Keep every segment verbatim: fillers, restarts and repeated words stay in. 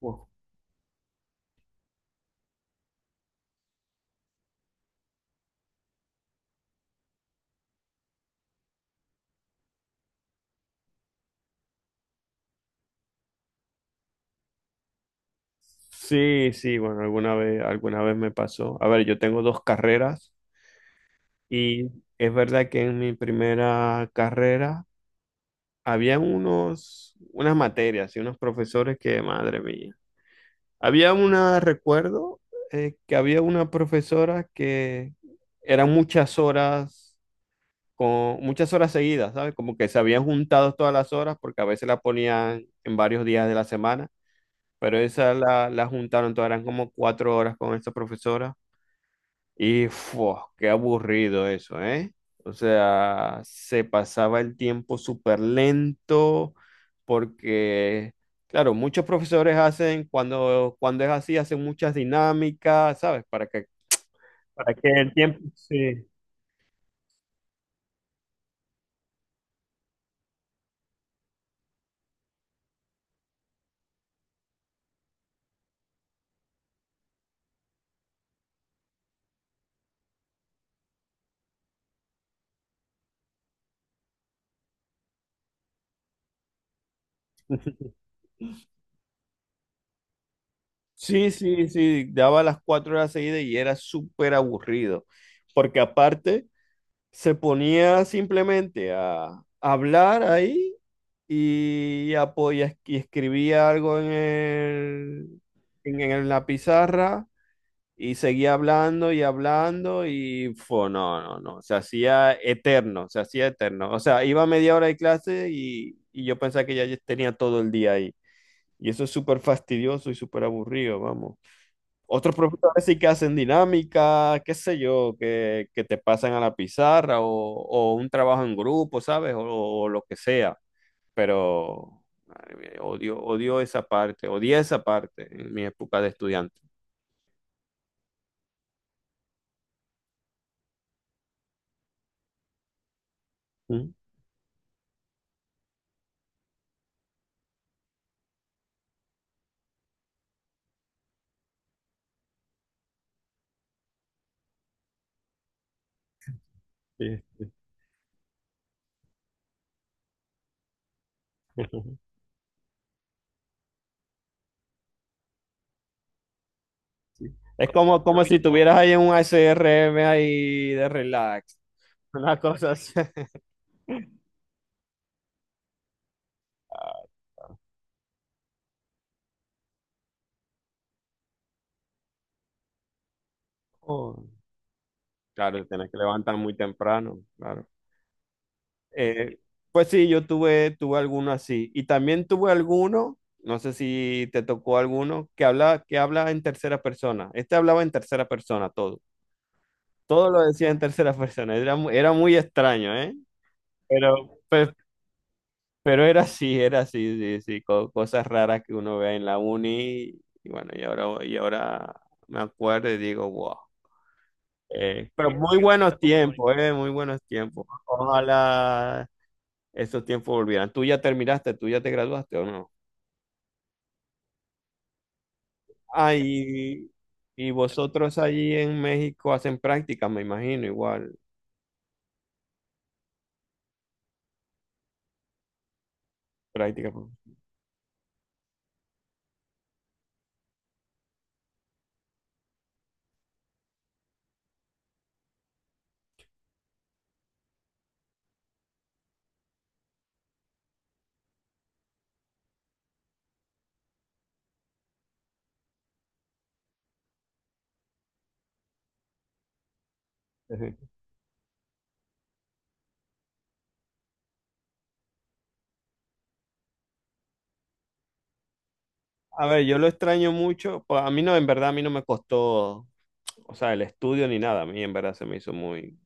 Wow. Sí, sí, bueno, alguna vez, alguna vez me pasó. A ver, yo tengo dos carreras y es verdad que en mi primera carrera había unos, unas materias y unos profesores que, madre mía. Había una, recuerdo, eh, que había una profesora que eran muchas horas, con muchas horas seguidas, ¿sabes? Como que se habían juntado todas las horas porque a veces la ponían en varios días de la semana. Pero esa la, la juntaron, todas eran como cuatro horas con esta profesora. Y fua, qué aburrido eso, ¿eh? O sea, se pasaba el tiempo súper lento porque, claro, muchos profesores hacen, cuando, cuando es así, hacen muchas dinámicas, ¿sabes? Para que, para que el tiempo... Sí. Sí, sí, sí, daba las cuatro horas seguidas y era súper aburrido, porque aparte se ponía simplemente a hablar ahí y, apo- y es- y escribía algo en el, en, en la pizarra y seguía hablando y hablando y fue, no, no, no, se hacía eterno, se hacía eterno. O sea, iba media hora de clase y, y yo pensaba que ya tenía todo el día ahí. Y eso es súper fastidioso y súper aburrido, vamos. Otros profesores sí que hacen dinámica, qué sé yo, que, que te pasan a la pizarra o, o un trabajo en grupo, ¿sabes? O o lo que sea pero madre mía, odio, odio esa parte, odié esa parte en mi época de estudiante. Sí, sí, sí. Sí. Es como, como si tuvieras ahí un A S R M ahí de relax, una cosa así. Oh, claro, tienes que levantar muy temprano, claro. Eh, pues sí, yo tuve, tuve alguno así. Y también tuve alguno, no sé si te tocó alguno, que habla, que habla en tercera persona. Este hablaba en tercera persona todo. Todo lo decía en tercera persona. Era, mu- era muy extraño, ¿eh? Pero, pe- pero era así, era así, sí, sí. Co- cosas raras que uno ve en la uni. Y bueno, y ahora, y ahora me acuerdo y digo, wow. Eh, pero muy buenos tiempos, ¿eh? Muy buenos tiempos. Ojalá esos tiempos volvieran. ¿Tú ya terminaste? ¿Tú ya te graduaste o no? Ah, y, y vosotros allí en México hacen prácticas, me imagino, igual, prácticas. A ver, yo lo extraño mucho. Pues, a mí no, en verdad, a mí no me costó, o sea, el estudio ni nada. A mí en verdad se me hizo muy,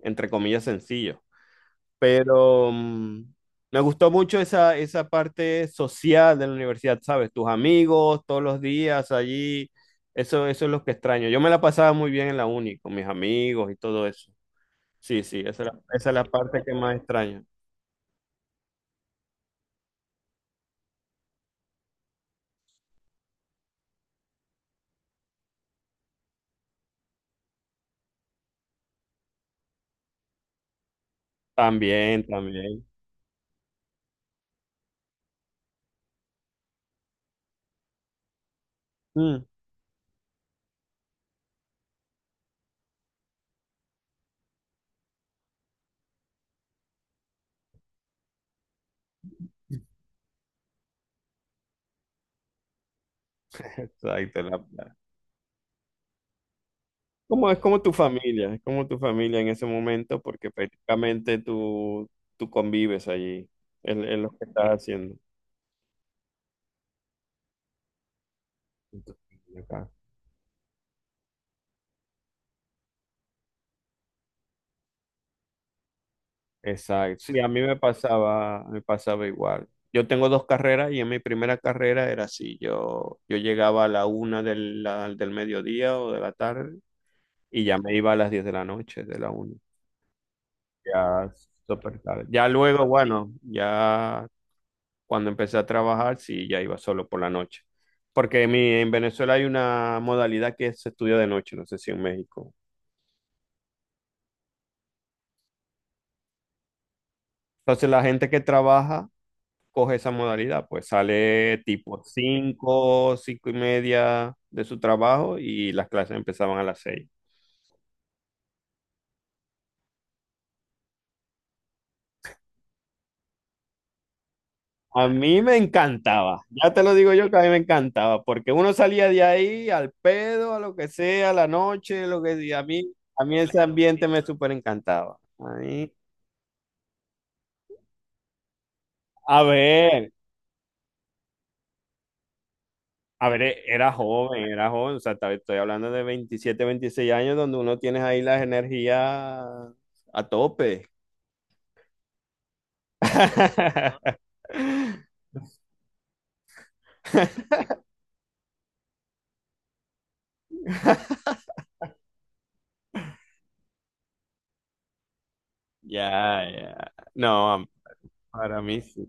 entre comillas, sencillo. Pero mm, me gustó mucho esa, esa parte social de la universidad, ¿sabes? Tus amigos, todos los días allí. Eso, eso es lo que extraño. Yo me la pasaba muy bien en la uni, con mis amigos y todo eso. Sí, sí, esa es la, esa es la parte que más extraño. También, también. Mm, exacto. la- Como, es como tu familia, es como tu familia en ese momento porque prácticamente tú, tú convives allí, es, es lo que estás haciendo. Con tu familia acá. Exacto. Sí, a mí me pasaba, me pasaba igual. Yo tengo dos carreras y en mi primera carrera era así, yo, yo llegaba a la una del, la- del mediodía o de la tarde y ya me iba a las diez de la noche, de la una. Ya súper tarde. Ya luego, bueno, ya cuando empecé a trabajar, sí, ya iba solo por la noche. Porque mi- en Venezuela hay una modalidad que se estudia de noche, no sé si en México. Entonces la gente que trabaja coge esa modalidad, pues sale tipo cinco, cinco y media de su trabajo y las clases empezaban a las seis. A mí me encantaba, ya te lo digo yo que a mí me encantaba, porque uno salía de ahí al pedo, a lo que sea, a la noche, lo que sea. A mí, a mí ese ambiente me súper encantaba. A mí- a ver, A ver, e- era joven, era joven, o sea, tal vez estoy hablando de veintisiete, veintiséis años donde uno tiene ahí las energías a tope. Ya, ya. No, para mí sí.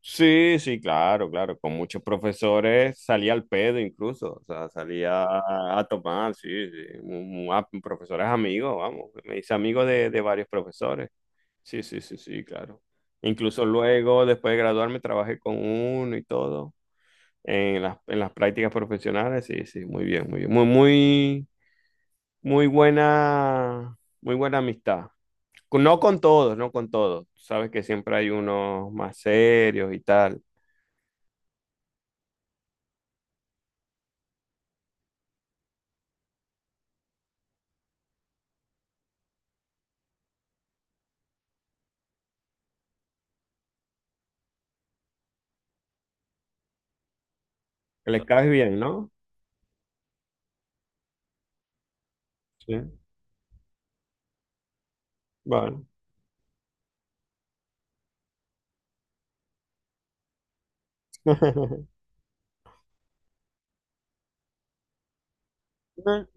Sí, sí, claro, claro. Con muchos profesores salía al pedo incluso, o sea, salía a, a tomar, sí, sí. Mu- mu- a- profesores amigos, vamos. Me hice amigo de, de varios profesores. Sí, sí, sí, sí, claro. Incluso luego, después de graduarme, trabajé con uno y todo en las, en las prácticas profesionales. Sí, sí, muy bien, muy bien. Muy, muy, muy buena, muy buena amistad. Con- No con todos, no con todos. Sabes que siempre hay unos más serios y tal. Que le caes bien, ¿no? Sí, vale.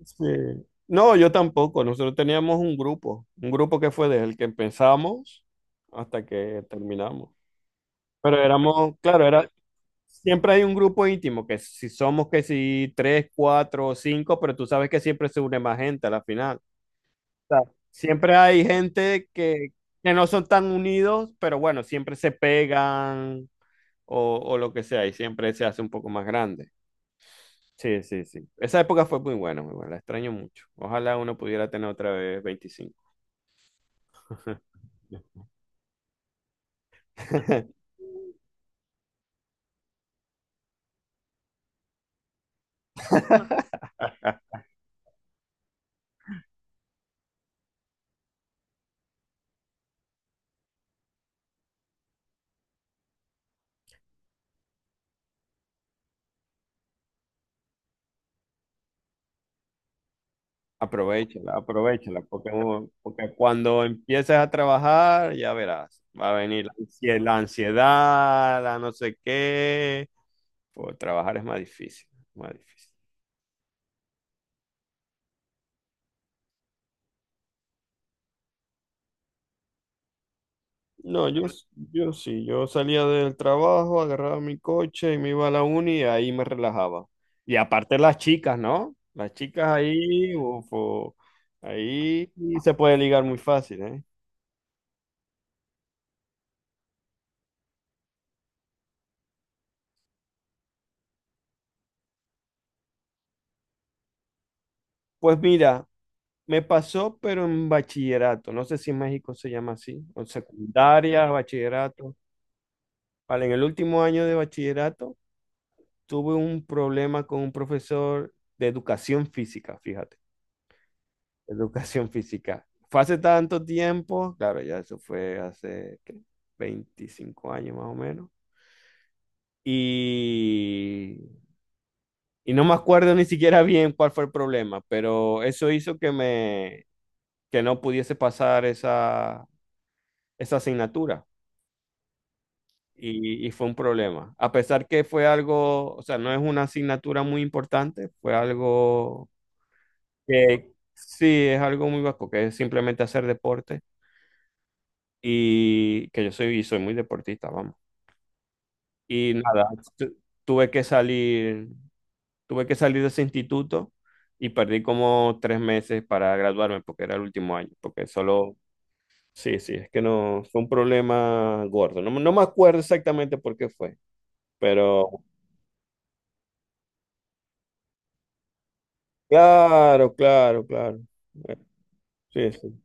Sí. No, yo tampoco. Nosotros teníamos un grupo, un grupo que fue desde el que empezamos hasta que terminamos. Pero éramos, claro, era, siempre hay un grupo íntimo, que si somos que si tres, cuatro o cinco, pero tú sabes que siempre se une más gente a la final. O sea, siempre hay gente que, que no son tan unidos, pero bueno, siempre se pegan o, o lo que sea, y siempre se hace un poco más grande. Sí, sí, sí. Esa época fue muy buena, muy buena. La extraño mucho. Ojalá uno pudiera tener otra vez veinticinco. Aprovechala, aprovechala, porque, porque cuando empieces a trabajar, ya verás, va a venir la ansie- la ansiedad, la no sé qué. Pues, trabajar es más difícil, más difícil. No, yo, s- Yo sí, yo salía del trabajo, agarraba mi coche y me iba a la uni y ahí me relajaba. Y aparte las chicas, ¿no? Las chicas ahí, ufo, ahí sí se puede ligar muy fácil, ¿eh? Pues mira, me pasó, pero en bachillerato, no sé si en México se llama así, o secundaria, bachillerato. Vale, en el último año de bachillerato tuve un problema con un profesor de educación física, fíjate. Educación física. Fue hace tanto tiempo, claro, ya eso fue hace ¿qué? veinticinco años más o menos. Y, y no me acuerdo ni siquiera bien cuál fue el problema, pero eso hizo que me que no pudiese pasar esa, esa asignatura. Y, y fue un problema. A pesar que fue algo, o sea, no es una asignatura muy importante, fue algo que sí es algo muy básico, que es simplemente hacer deporte y que yo soy, soy muy deportista, vamos. Y nada, tu- tuve que salir, tuve que salir de ese instituto y perdí como tres meses para graduarme porque era el último año, porque solo, sí, sí, es que no, fue un problema gordo. No, me- no me acuerdo exactamente por qué fue, pero claro, claro, claro. Eh, Sí, sí.